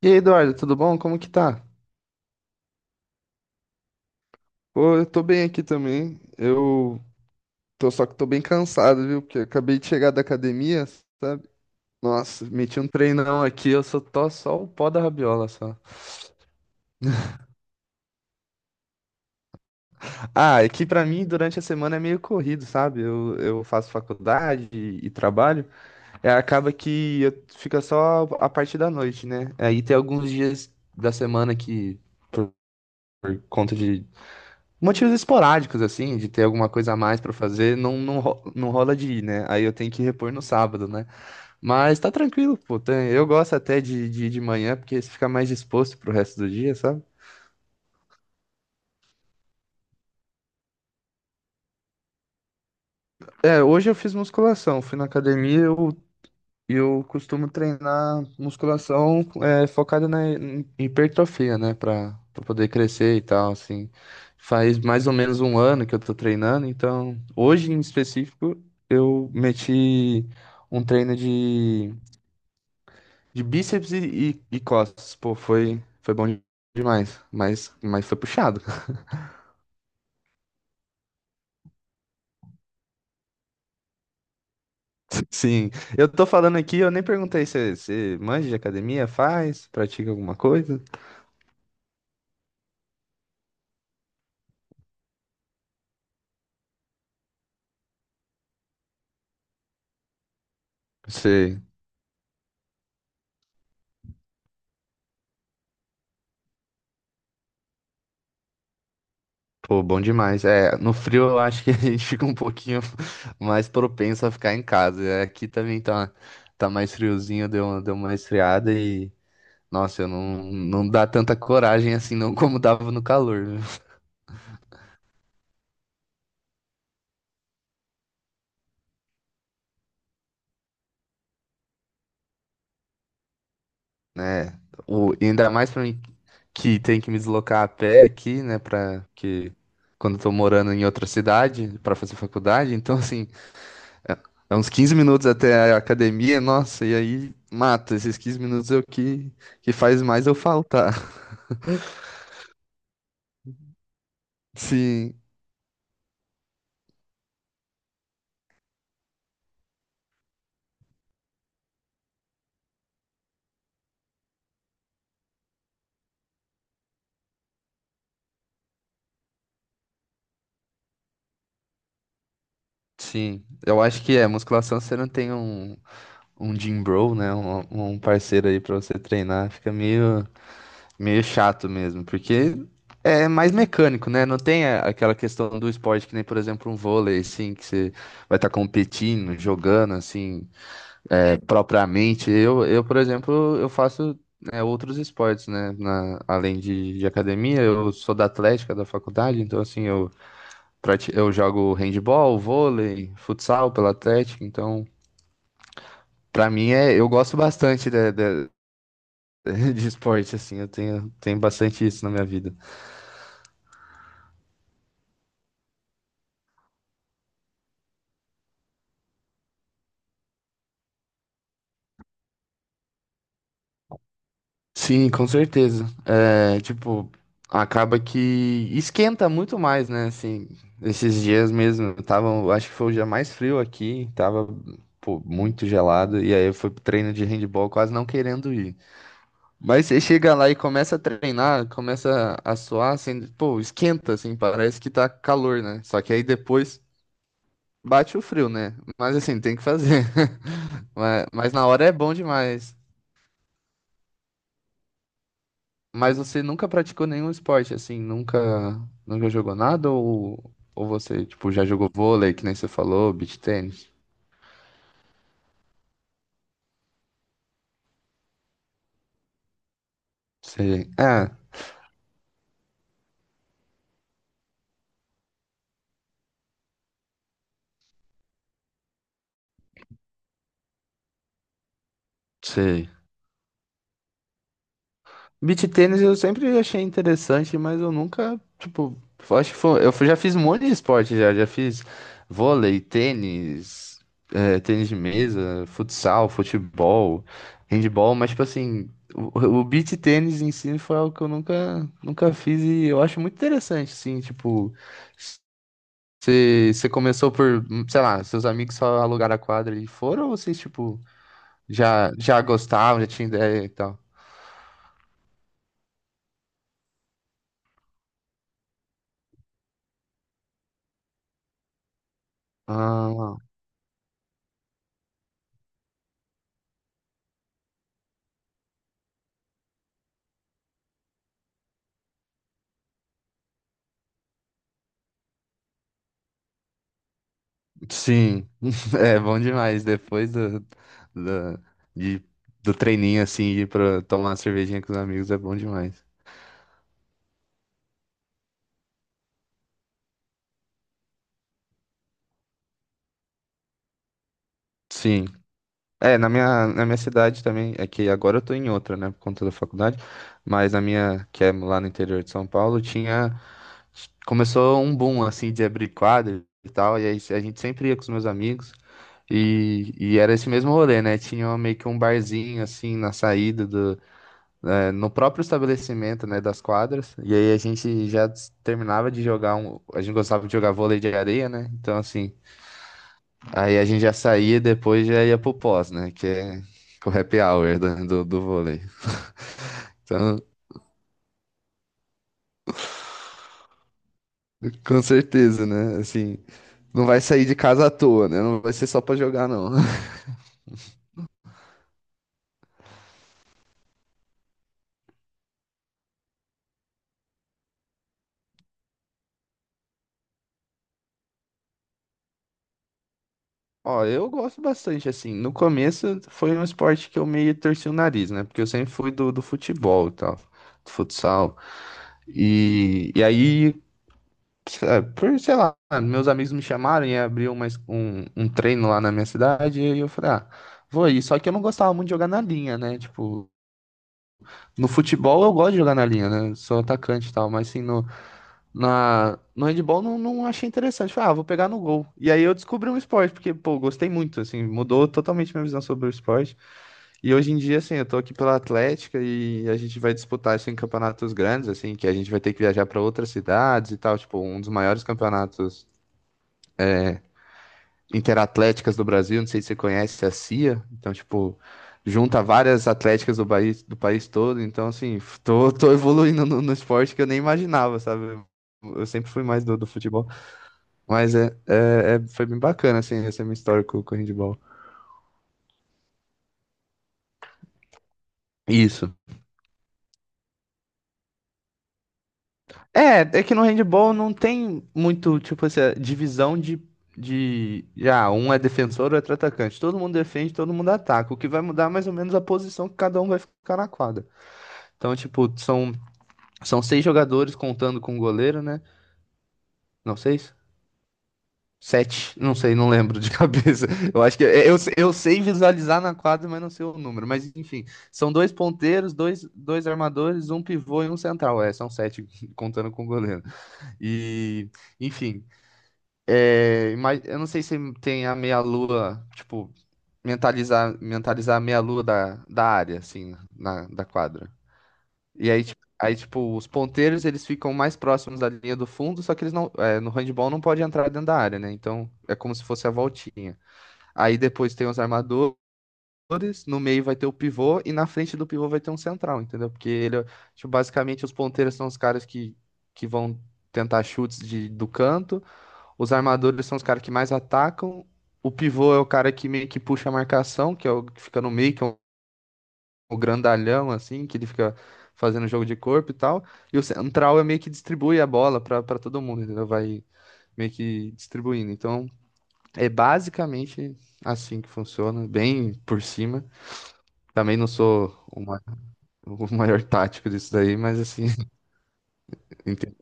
E aí, Eduardo, tudo bom? Como que tá? Pô, eu tô bem aqui também. Eu tô só que tô bem cansado, viu? Porque eu acabei de chegar da academia, sabe? Nossa, meti um treinão aqui, eu só tô só o pó da rabiola só. Ah, é que pra mim durante a semana é meio corrido, sabe? Eu faço faculdade e trabalho. É, acaba que fica só a parte da noite, né? Aí tem alguns dias da semana que, por conta de motivos esporádicos, assim, de ter alguma coisa a mais pra fazer, não rola de ir, né? Aí eu tenho que repor no sábado, né? Mas tá tranquilo, pô. Eu gosto até de, ir de manhã, porque você fica mais disposto pro resto do dia, sabe? É, hoje eu fiz musculação, fui na academia, eu costumo treinar musculação focada na hipertrofia, né? Pra poder crescer e tal, assim. Faz mais ou menos um ano que eu tô treinando, então hoje em específico eu meti um treino de bíceps e costas. Pô, foi bom demais, mas foi puxado. Sim, eu tô falando aqui, eu nem perguntei se você manja de academia, faz, pratica alguma coisa. Você. Pô, bom demais. É, no frio eu acho que a gente fica um pouquinho mais propenso a ficar em casa. É, aqui também tá mais friozinho, deu uma esfriada e, nossa, eu não dá tanta coragem assim não como dava no calor, viu? Né? O, e ainda mais pra mim que tem que me deslocar a pé aqui, né, pra que quando eu tô morando em outra cidade pra fazer faculdade, então assim, é, é uns 15 minutos até a academia, nossa, e aí mata esses 15 minutos eu que faz mais eu faltar. Sim, sim. Eu acho que é, musculação você não tem um gym bro, né? Um parceiro aí pra você treinar, fica meio chato mesmo, porque é mais mecânico, né? Não tem aquela questão do esporte que nem, por exemplo, um vôlei, assim, que você vai estar competindo, jogando, assim, propriamente. Por exemplo, eu faço, outros esportes, né? Além de academia, eu sou da atlética da faculdade, então, assim, eu Eu jogo handball, vôlei, futsal pela Atlética, então pra mim eu gosto bastante de, de esporte assim, eu tenho bastante isso na minha vida. Sim, com certeza. É, tipo, acaba que esquenta muito mais, né? Assim, esses dias mesmo, tava, acho que foi o dia mais frio aqui, tava, pô, muito gelado, e aí eu fui pro treino de handball quase não querendo ir. Mas você chega lá e começa a treinar, começa a suar, assim, pô, esquenta, assim, parece que tá calor, né? Só que aí depois bate o frio, né? Mas assim, tem que fazer. Mas na hora é bom demais. Mas você nunca praticou nenhum esporte, assim, nunca jogou nada? Ou você, tipo, já jogou vôlei, que nem você falou, beach tennis? Sei. Ah, sei. Beach tênis eu sempre achei interessante, mas eu nunca, tipo, eu acho que foi, eu já fiz um monte de esporte já, fiz vôlei, tênis, tênis de mesa, futsal, futebol, handball, mas tipo assim, o beach tênis em si foi algo que eu nunca fiz e eu acho muito interessante, assim, tipo, você começou por, sei lá, seus amigos só alugaram a quadra e foram ou vocês, tipo, já gostavam, já tinha ideia e tal? Ah, sim, é bom demais. Depois do, de- do treininho, assim, ir pra tomar uma cervejinha com os amigos é bom demais. Sim. É, na minha cidade também, é que agora eu tô em outra, né, por conta da faculdade, mas na minha, que é lá no interior de São Paulo, começou um boom, assim, de abrir quadro e tal, e aí a gente sempre ia com os meus amigos, e era esse mesmo rolê, né, tinha meio que um barzinho, assim, na saída, no próprio estabelecimento, né, das quadras. E aí a gente já terminava de jogar um, a gente gostava de jogar vôlei de areia, né? Então assim, aí a gente já saía e depois já ia pro pós, né, que é o happy hour do vôlei. Então, com certeza, né? Assim, não vai sair de casa à toa, né? Não vai ser só pra jogar, não. Ó, eu gosto bastante, assim. No começo foi um esporte que eu meio torci o nariz, né? Porque eu sempre fui do futebol e tal, do futsal. E aí por, sei lá, meus amigos me chamaram e abriu um treino lá na minha cidade, e eu falei, ah, vou aí. Só que eu não gostava muito de jogar na linha, né? Tipo, no futebol eu gosto de jogar na linha, né? Sou atacante e tal, mas assim, no handball não achei interessante. Falei, ah, vou pegar no gol. E aí eu descobri um esporte, porque, pô, gostei muito, assim, mudou totalmente minha visão sobre o esporte. E hoje em dia, assim, eu tô aqui pela Atlética e a gente vai disputar isso em campeonatos grandes, assim, que a gente vai ter que viajar para outras cidades e tal, tipo, um dos maiores campeonatos Interatléticas do Brasil, não sei se você conhece a CIA, então, tipo, junta várias atléticas do país todo, então, assim, tô evoluindo no esporte que eu nem imaginava, sabe? Eu sempre fui mais do futebol, mas foi bem bacana, assim, essa minha história com o handball. Isso. É que no handball não tem muito, tipo, essa divisão já, um é defensor, outro é atacante. Todo mundo defende, todo mundo ataca. O que vai mudar é mais ou menos a posição que cada um vai ficar na quadra. Então, tipo, São seis jogadores contando com o goleiro, né? Não, seis? Sete? Não sei, não lembro de cabeça. Eu acho que eu sei visualizar na quadra, mas não sei o número. Mas enfim, são dois ponteiros, dois armadores, um pivô e um central. É, são sete contando com o goleiro. E, enfim, mas eu não sei se tem a meia-lua, tipo, mentalizar a meia-lua da área, assim, da quadra. E aí, tipo, os ponteiros eles ficam mais próximos da linha do fundo, só que eles não, no handball não pode entrar dentro da área, né? Então é como se fosse a voltinha. Aí depois tem os armadores, no meio vai ter o pivô e na frente do pivô vai ter um central, entendeu? Porque ele, tipo, basicamente os ponteiros são os caras que vão tentar chutes do canto, os armadores são os caras que mais atacam, o pivô é o cara que meio que puxa a marcação, que é o que fica no meio, que é o grandalhão, assim, que ele fica fazendo jogo de corpo e tal. E o central é meio que distribui a bola pra para todo mundo, entendeu? Vai meio que distribuindo. Então, é basicamente assim que funciona, bem por cima. Também não sou o o maior tático disso daí, mas assim, entendo.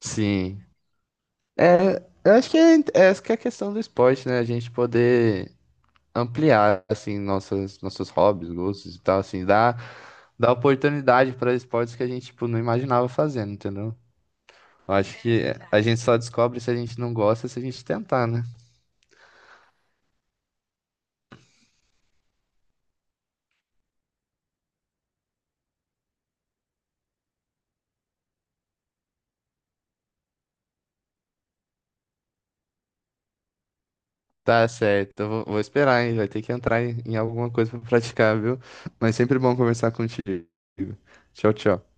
Sim. É, eu acho que essa que é a questão do esporte, né? A gente poder ampliar assim nossas nossos hobbies, gostos e tal, assim, dá oportunidade para esportes que a gente tipo não imaginava fazendo, entendeu? Eu acho É que a gente só descobre se a gente não gosta se a gente tentar, né? Tá certo, eu vou esperar, hein? Vai ter que entrar em alguma coisa para praticar, viu? Mas sempre bom conversar contigo. Tchau, tchau.